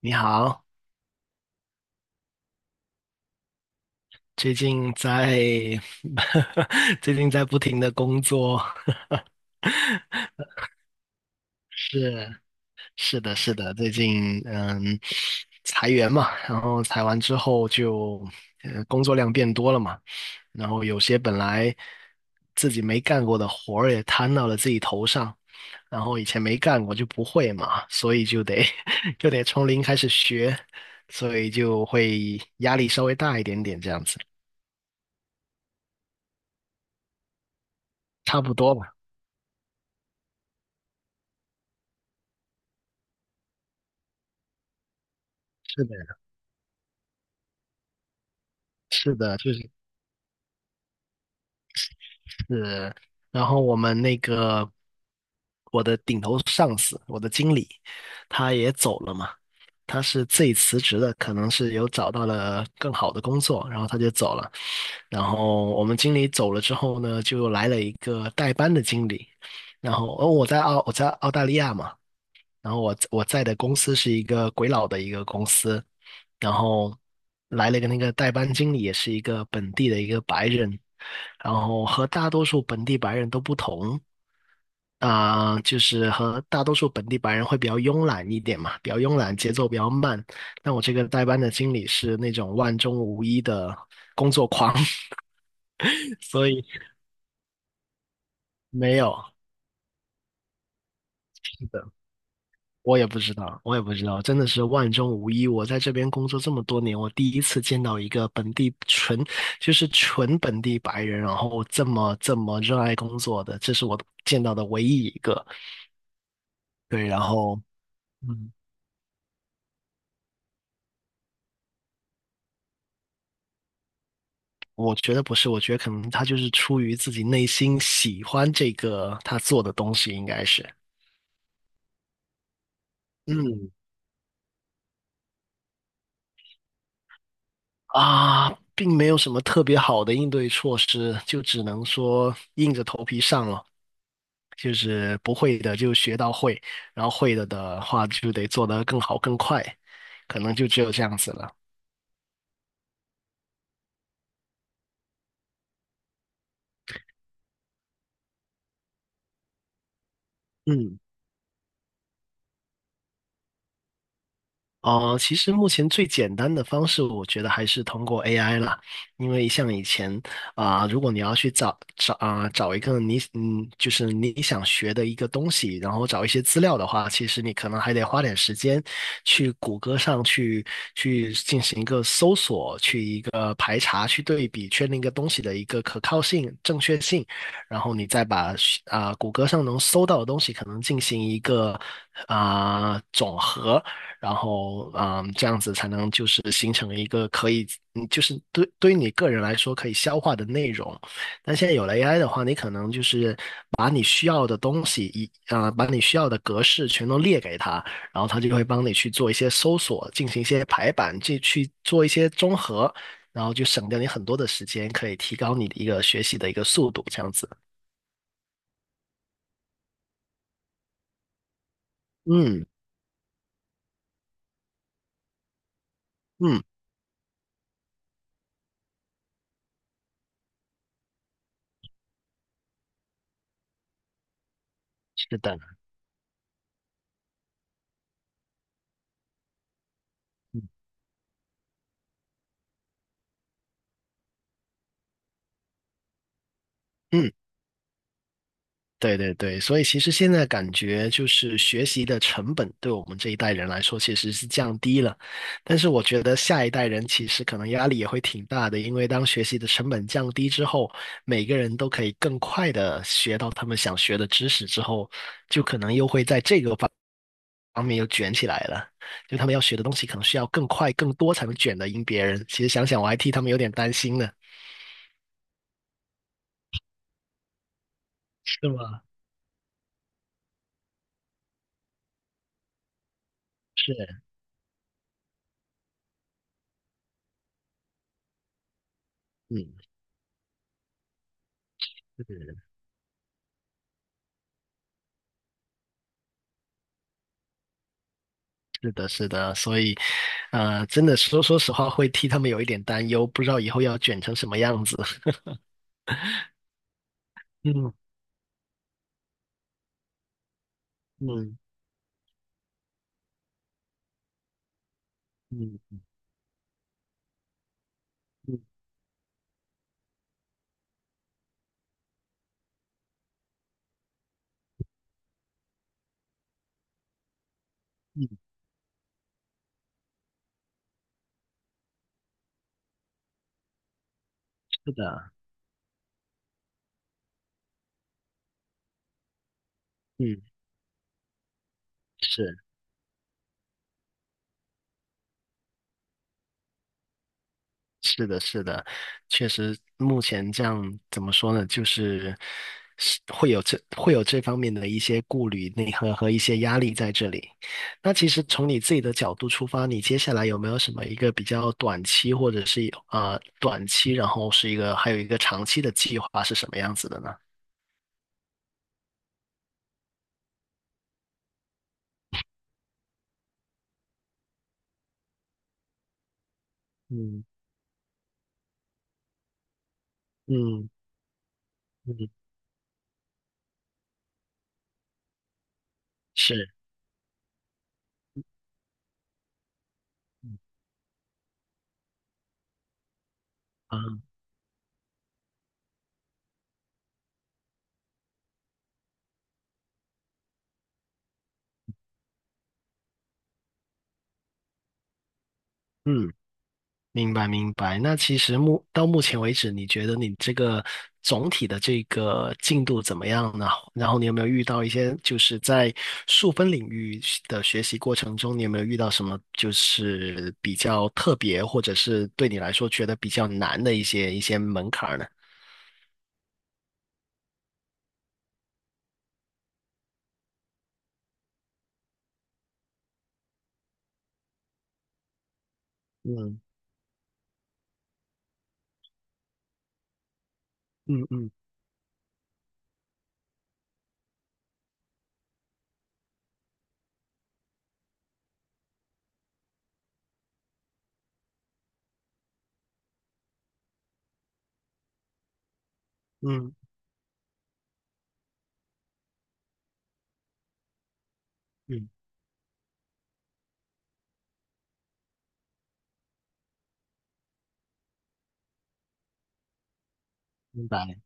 你好，最近在 最近在不停的工作，是是的，最近裁员嘛，然后裁完之后就工作量变多了嘛，然后有些本来自己没干过的活儿也摊到了自己头上，然后以前没干过就不会嘛，所以就得 就得从零开始学，所以就会压力稍微大一点点这样子，差不多吧。是的。是的，就是是，然后我们我的顶头上司，我的经理，他也走了嘛，他是自己辞职的，可能是有找到了更好的工作，然后他就走了。然后我们经理走了之后呢，就来了一个代班的经理，然后哦，我在澳大利亚嘛，然后我在的公司是一个鬼佬的一个公司，然后来了一个那个代班经理，也是一个本地的一个白人，然后和大多数本地白人都不同，就是和大多数本地白人会比较慵懒一点嘛，比较慵懒，节奏比较慢。但我这个代班的经理是那种万中无一的工作狂，所以没有。我也不知道，我也不知道，真的是万中无一。我在这边工作这么多年，我第一次见到一个本地纯，就是纯本地白人，然后这么热爱工作的，这是我见到的唯一一个。对，然后，嗯，我觉得不是，我觉得可能他就是出于自己内心喜欢这个他做的东西，应该是，嗯。啊，并没有什么特别好的应对措施，就只能说硬着头皮上了。就是不会的就学到会，然后会了的话就得做得更好更快，可能就只有这样子了。嗯。其实目前最简单的方式，我觉得还是通过 AI 啦，因为像以前如果你要去找找一个你就是你想学的一个东西，然后找一些资料的话，其实你可能还得花点时间去谷歌上去进行一个搜索，去一个排查，去对比，确定一个东西的一个可靠性、正确性，然后你再把谷歌上能搜到的东西，可能进行一个总和。然后这样子才能就是形成一个可以，就是对于你个人来说可以消化的内容。但现在有了 AI 的话，你可能就是把你需要的东西一把你需要的格式全都列给它，然后它就会帮你去做一些搜索，进行一些排版，去做一些综合，然后就省掉你很多的时间，可以提高你的一个学习的一个速度，这样子。嗯嗯，是的，嗯。对对对，所以其实现在感觉就是学习的成本对我们这一代人来说其实是降低了，但是我觉得下一代人其实可能压力也会挺大的，因为当学习的成本降低之后，每个人都可以更快的学到他们想学的知识之后，就可能又会在这个方面又卷起来了，就他们要学的东西可能需要更快更多才能卷得赢别人。其实想想我还替他们有点担心呢。是吗？是，嗯，是是的，是的，所以，呃，真的说实话，会替他们有一点担忧，不知道以后要卷成什么样子。嗯嗯嗯嗯嗯，是的，嗯是。是的，是的，确实，目前这样怎么说呢，就是是会有这方面的一些顾虑、内核和一些压力在这里。那其实从你自己的角度出发，你接下来有没有什么一个比较短期，或者是短期，然后是一个还有一个长期的计划是什么样子的呢？嗯嗯嗯，是，嗯嗯。明白明白。那其实到目前为止，你觉得你这个总体的这个进度怎么样呢？然后你有没有遇到一些就是在数分领域的学习过程中，你有没有遇到什么就是比较特别，或者是对你来说觉得比较难的一些门槛儿呢？嗯嗯嗯嗯嗯，明白。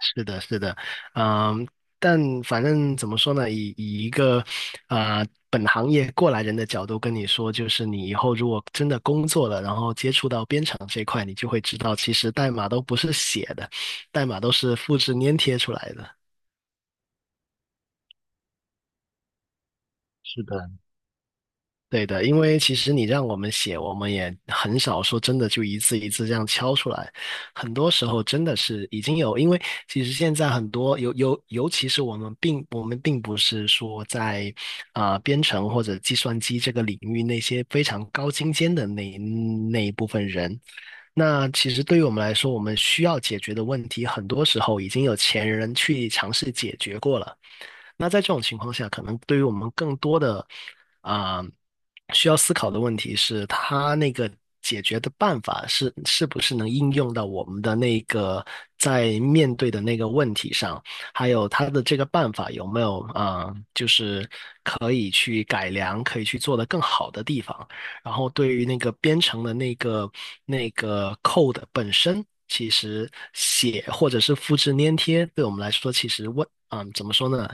是的，是的，嗯，但反正怎么说呢，以一个本行业过来人的角度跟你说，就是你以后如果真的工作了，然后接触到编程这一块，你就会知道，其实代码都不是写的，代码都是复制粘贴出来的。是的。对的，因为其实你让我们写，我们也很少说真的就一字一字这样敲出来。很多时候真的是已经有，因为其实现在很多尤其是我们并不是说在编程或者计算机这个领域那些非常高精尖的那一部分人。那其实对于我们来说，我们需要解决的问题，很多时候已经有前人去尝试解决过了。那在这种情况下，可能对于我们更多的啊、需要思考的问题是，它那个解决的办法是不是能应用到我们的那个在面对的那个问题上，还有它的这个办法有没有就是可以去改良、可以去做得更好的地方。然后对于那个编程的那个 code 本身，其实写或者是复制粘贴，对我们来说，其实问，怎么说呢，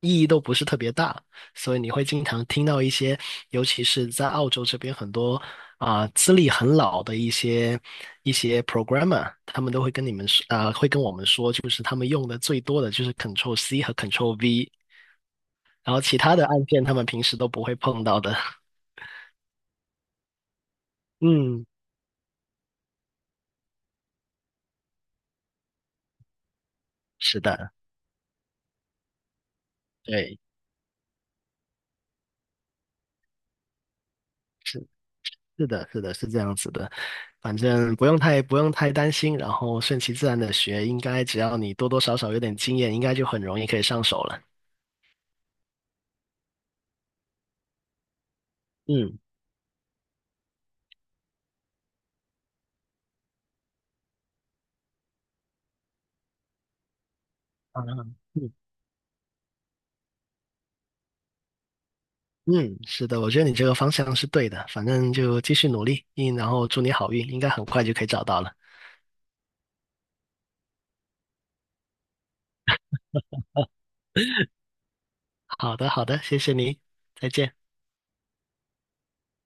意义都不是特别大。所以你会经常听到一些，尤其是在澳洲这边很多资历很老的一些 programmer，他们都会跟你们说，会跟我们说，就是他们用的最多的就是 Control C 和 Control V，然后其他的按键他们平时都不会碰到的。嗯，是的。对，是的，是的，是这样子的，反正不用太担心，然后顺其自然的学，应该只要你多多少少有点经验，应该就很容易可以上手了。嗯，好的嗯嗯，是的，我觉得你这个方向是对的，反正就继续努力，嗯，然后祝你好运，应该很快就可以找到了。好的，好的，谢谢你，再见。